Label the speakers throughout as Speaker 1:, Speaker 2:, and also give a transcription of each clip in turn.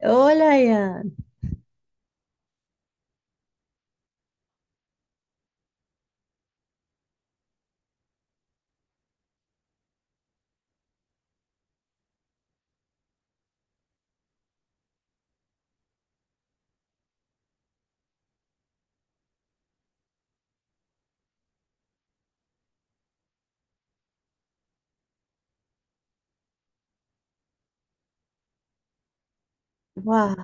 Speaker 1: Hola, Ian. Guau.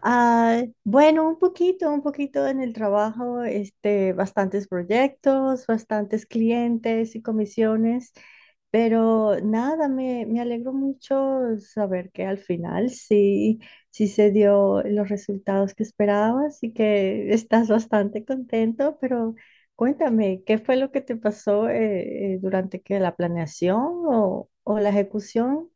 Speaker 1: Ah, bueno, un poquito en el trabajo, bastantes proyectos, bastantes clientes y comisiones, pero nada, me alegro mucho saber que al final sí, sí se dio los resultados que esperabas y que estás bastante contento, pero cuéntame, ¿qué fue lo que te pasó durante que la planeación o la ejecución?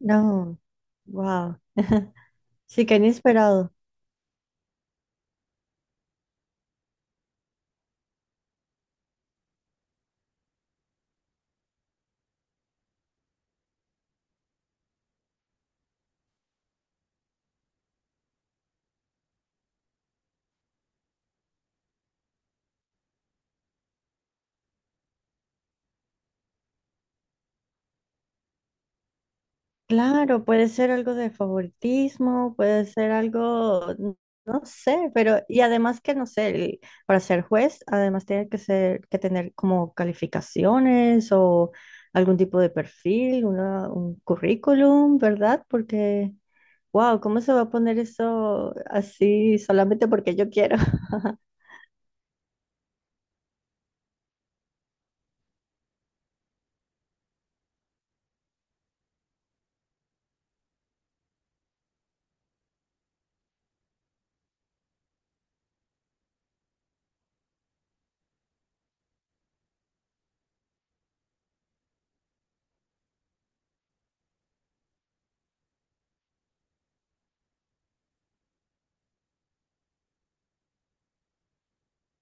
Speaker 1: No, wow. Sí, que inesperado. Claro, puede ser algo de favoritismo, puede ser no sé, pero y además que no sé, para ser juez, además tiene que ser que tener como calificaciones o algún tipo de perfil, un currículum, ¿verdad? Porque, wow, ¿cómo se va a poner eso así solamente porque yo quiero?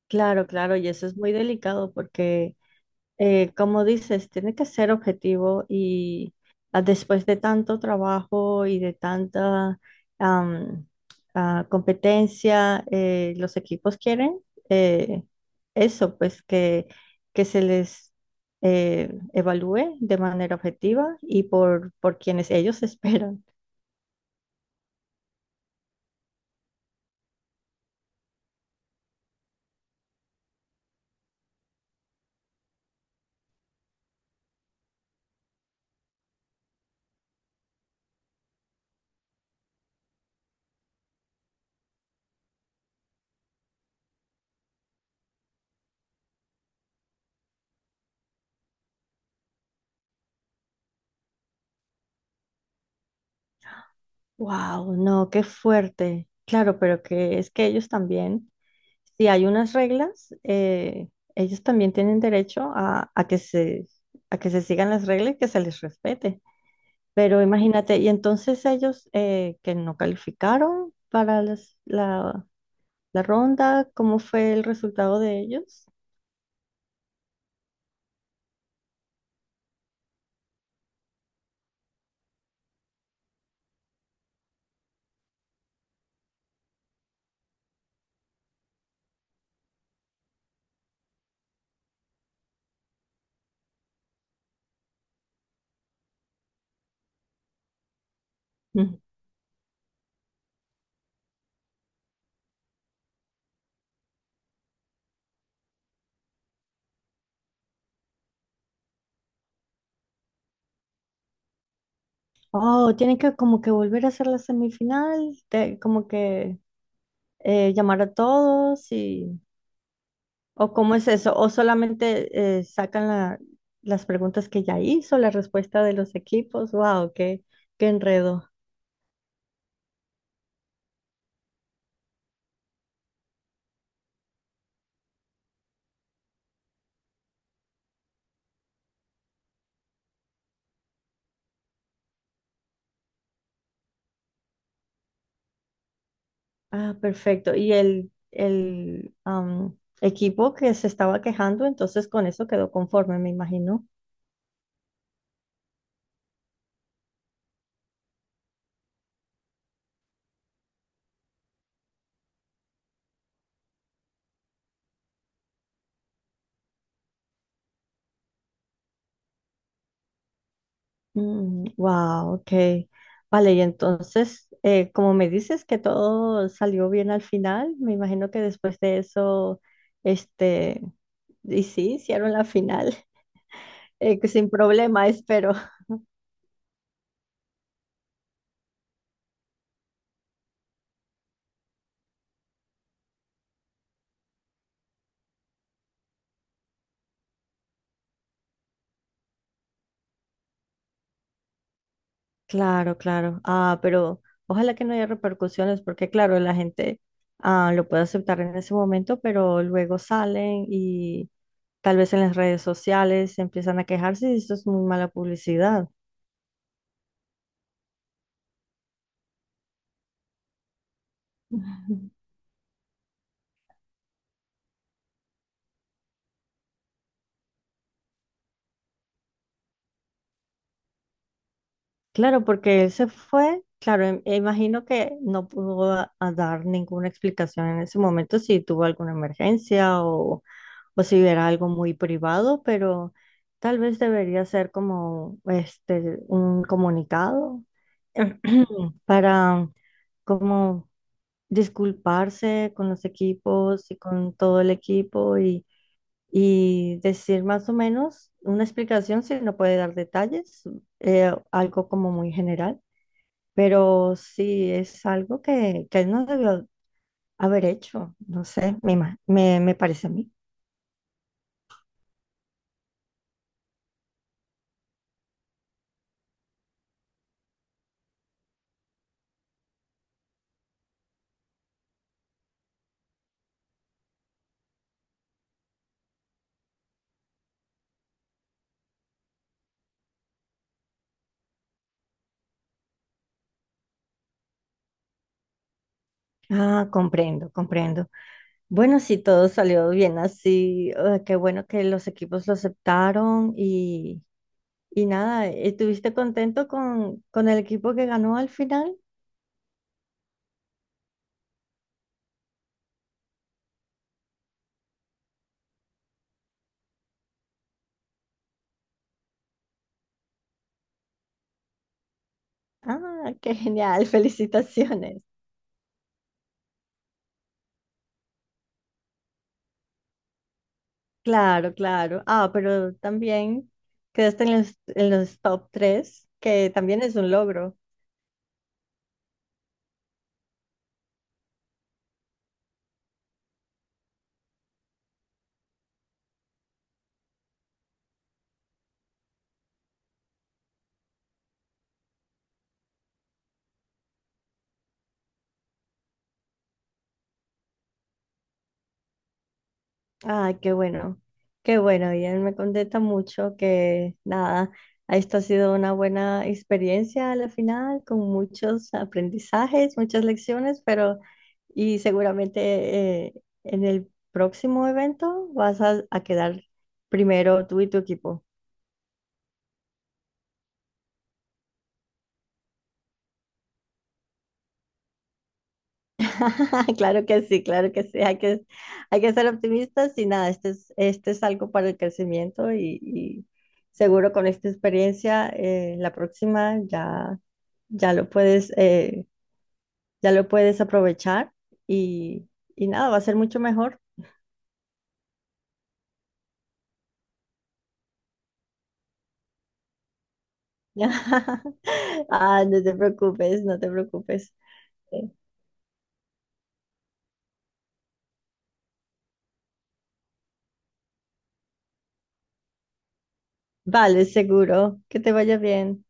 Speaker 1: Claro, claro, y eso es muy delicado porque como dices, tiene que ser objetivo y después de tanto trabajo y de tanta am, competencia, los equipos quieren eh, eso, pues que se les evalúe de manera objetiva y por quienes ellos esperan. Wow, no, qué fuerte. Claro, pero que es que ellos también si hay unas reglas, ellos también tienen derecho a que se sigan las reglas y que se les respete. Pero imagínate, y entonces ellos que no calificaron para la ronda, ¿cómo fue el resultado de ellos? Mm. Oh, tienen que como que volver a hacer la semifinal, como que llamar a todos y ¿O cómo es eso? ¿O solamente sacan las preguntas que ya hizo, la respuesta de los equipos? ¡Wow! ¡Qué, qué enredo! Ah, perfecto. Y el equipo que se estaba quejando, entonces con eso quedó conforme, me imagino. Mm, ¡Wow! Ok. Vale, y entonces, como me dices que todo salió bien al final, me imagino que después de eso, este, y sí, hicieron la final, que sin problema, espero. Claro, claro. Ah, pero ojalá que no haya repercusiones, porque claro, la gente lo puede aceptar en ese momento, pero luego salen y tal vez en las redes sociales empiezan a quejarse y eso es muy mala publicidad. Ujú. Claro, porque él se fue, claro, imagino que no pudo a dar ninguna explicación en ese momento si tuvo alguna emergencia o si era algo muy privado, pero tal vez debería ser como este un comunicado para como disculparse con los equipos y con todo el equipo y decir más o menos una explicación si no puede dar detalles, algo como muy general, pero sí es algo que él no debió haber hecho, no sé, me parece a mí. Ah, comprendo, comprendo. Bueno, sí, todo salió bien así. Ah, qué bueno que los equipos lo aceptaron. Y nada, ¿estuviste contento con el equipo que ganó al final? Ah, qué genial, felicitaciones. Claro, claro. Ah, pero también quedaste en los top 3, que también es un logro. Ah, qué bueno, qué bueno. Y él me contenta mucho que nada, esto ha sido una buena experiencia a la final, con muchos aprendizajes, muchas lecciones, pero y seguramente eh, en el próximo evento vas a quedar primero tú y tu equipo. Claro que sí, claro que sí. Hay que ser optimistas y nada, este es algo para el crecimiento y seguro con esta experiencia, la próxima ya. ya lo puedes, eh, ya lo puedes aprovechar y, y nada, va a ser mucho mejor. Ah, no te preocupes, no te preocupes. Eh, Vale, seguro. Que te vaya bien.